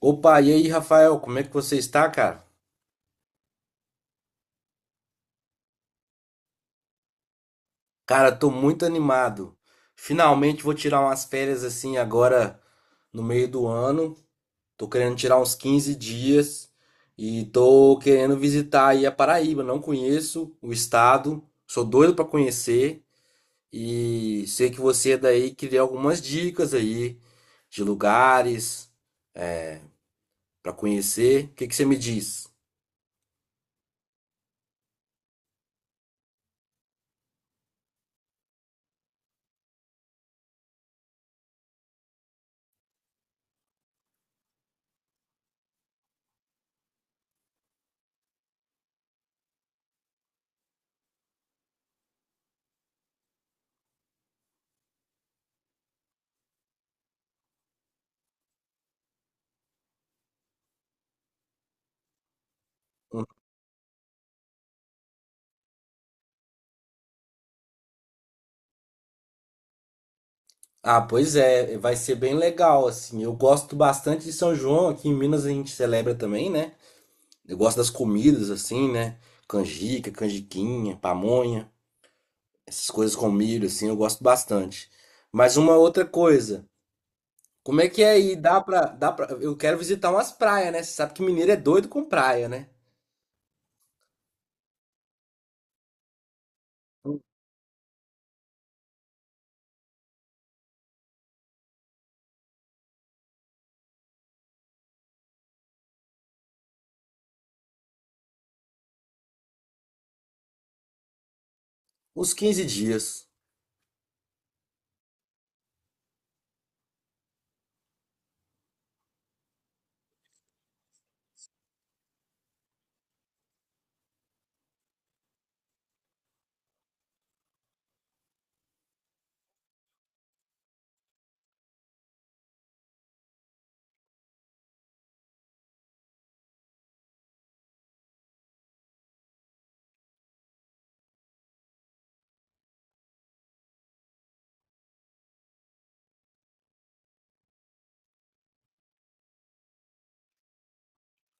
Opa, e aí, Rafael, como é que você está, cara? Cara, tô muito animado. Finalmente vou tirar umas férias assim agora no meio do ano. Tô querendo tirar uns 15 dias e tô querendo visitar aí a Paraíba. Não conheço o estado, sou doido pra conhecer e sei que você é daí queria algumas dicas aí de lugares pra conhecer. O que que você me diz? Um... Ah, pois é, vai ser bem legal, assim. Eu gosto bastante de São João, aqui em Minas a gente celebra também, né? Eu gosto das comidas, assim, né? Canjica, canjiquinha, pamonha, essas coisas com milho, assim, eu gosto bastante. Mas uma outra coisa, como é que é aí? Dá pra... Eu quero visitar umas praias, né? Você sabe que mineiro é doido com praia, né? Uns 15 dias.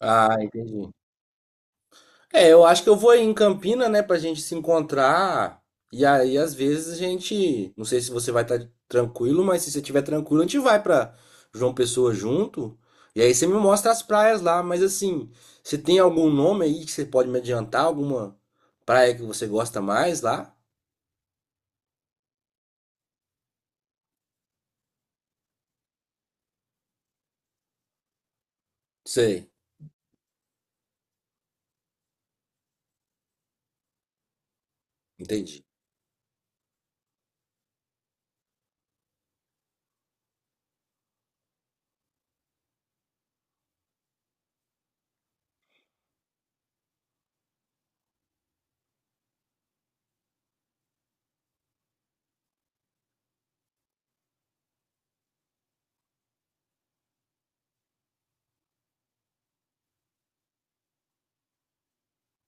Ah, entendi. É, eu acho que eu vou em Campina, né, pra gente se encontrar. E aí, às vezes, a gente... Não sei se você vai estar tranquilo, mas se você estiver tranquilo, a gente vai pra João Pessoa junto. E aí você me mostra as praias lá. Mas assim, você tem algum nome aí que você pode me adiantar? Alguma praia que você gosta mais lá? Sei, entendi.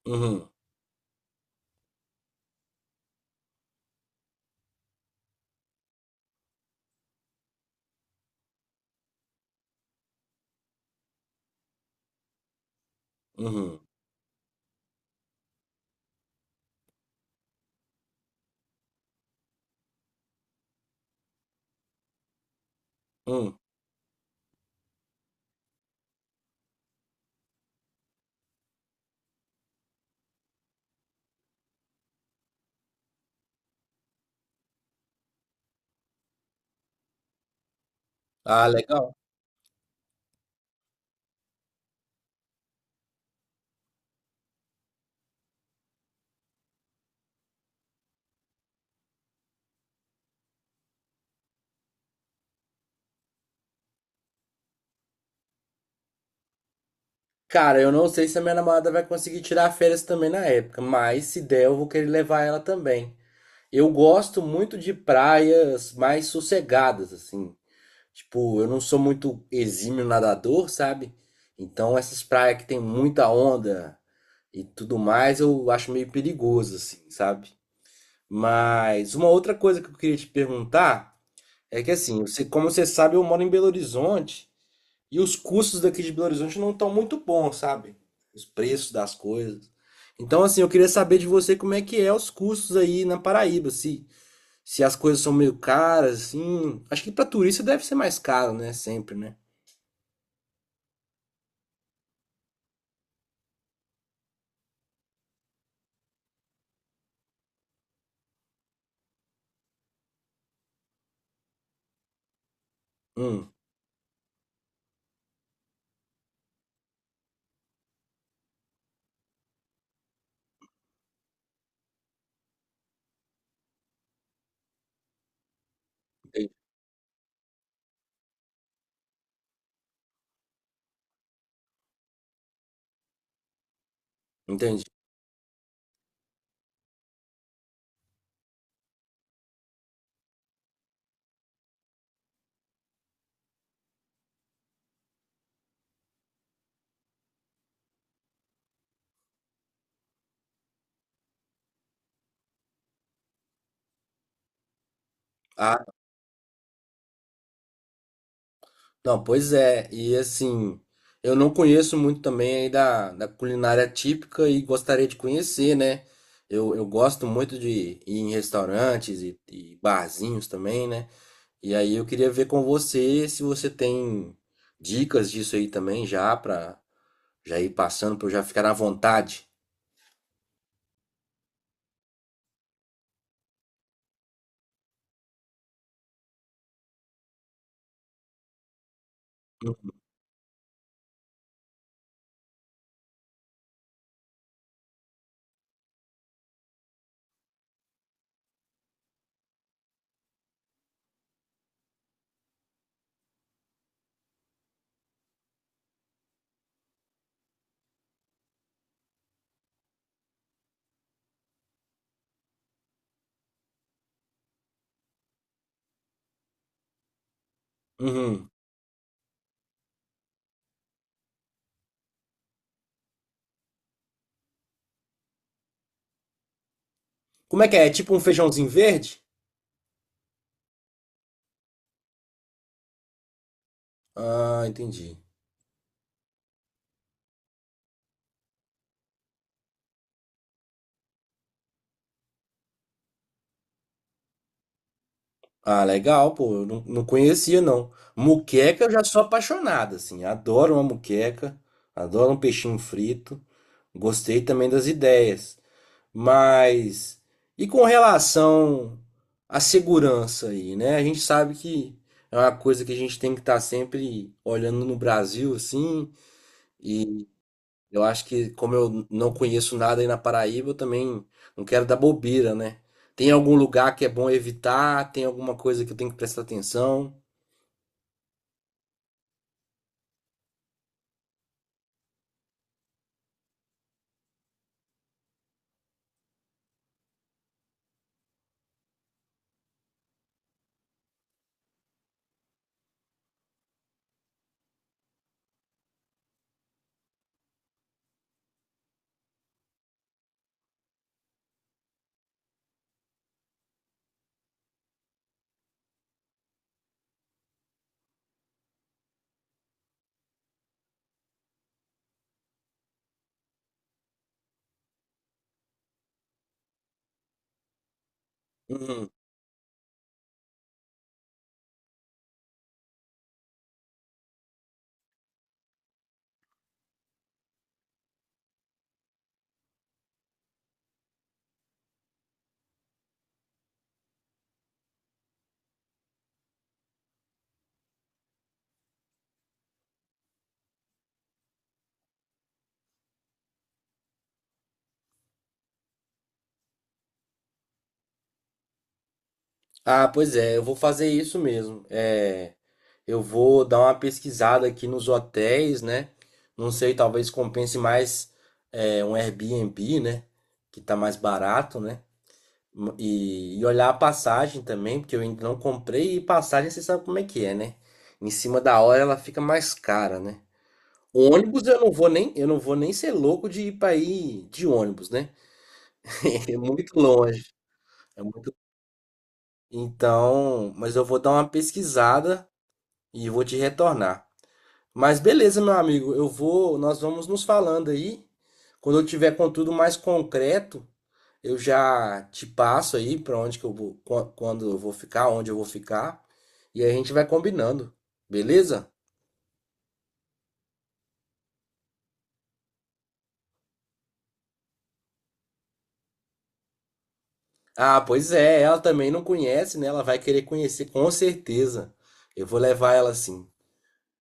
Uhum, uhum, uhum. Ah, legal. Cara, eu não sei se a minha namorada vai conseguir tirar férias também na época, mas se der, eu vou querer levar ela também. Eu gosto muito de praias mais sossegadas, assim. Tipo, eu não sou muito exímio nadador, sabe? Então, essas praias que tem muita onda e tudo mais, eu acho meio perigoso, assim, sabe? Mas uma outra coisa que eu queria te perguntar é que, assim, você, como você sabe, eu moro em Belo Horizonte e os custos daqui de Belo Horizonte não estão muito bons, sabe? Os preços das coisas. Então, assim, eu queria saber de você como é que é os custos aí na Paraíba, assim. Se as coisas são meio caras, assim. Acho que pra turista deve ser mais caro, né? Sempre, né? Hum, entendi. Entendi. Ah, não, pois é. E assim, eu não conheço muito também aí da culinária típica e gostaria de conhecer, né? Eu gosto muito de ir em restaurantes e barzinhos também, né? E aí eu queria ver com você se você tem dicas disso aí também já pra já ir passando pra eu já ficar à vontade. Uhum. Como é que é? É tipo um feijãozinho verde? Ah, entendi. Ah, legal, pô. Eu não conhecia, não. Muqueca eu já sou apaixonado, assim. Adoro uma muqueca. Adoro um peixinho frito. Gostei também das ideias. Mas e com relação à segurança aí, né? A gente sabe que é uma coisa que a gente tem que estar sempre olhando no Brasil, assim. Eu acho que, como eu não conheço nada aí na Paraíba, eu também não quero dar bobeira, né? Tem algum lugar que é bom evitar? Tem alguma coisa que eu tenho que prestar atenção? Uhum. Ah, pois é, eu vou fazer isso mesmo. É, eu vou dar uma pesquisada aqui nos hotéis, né? Não sei, talvez compense mais um Airbnb, né? Que tá mais barato, né? E olhar a passagem também, porque eu ainda não comprei, e passagem você sabe como é que é, né? Em cima da hora ela fica mais cara, né? O ônibus eu não vou nem, eu não vou nem ser louco de ir para aí de ônibus, né? É muito longe, é muito. Então, mas eu vou dar uma pesquisada e vou te retornar. Mas beleza, meu amigo, nós vamos nos falando aí. Quando eu tiver com tudo mais concreto, eu já te passo aí para onde que eu vou, quando eu vou ficar, onde eu vou ficar, e aí a gente vai combinando, beleza? Ah, pois é, ela também não conhece, né? Ela vai querer conhecer, com certeza. Eu vou levar ela sim.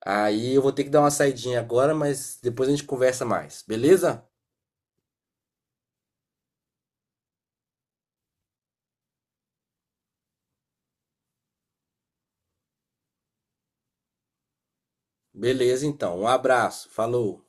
Aí eu vou ter que dar uma saidinha agora, mas depois a gente conversa mais, beleza? Beleza, então. Um abraço, falou.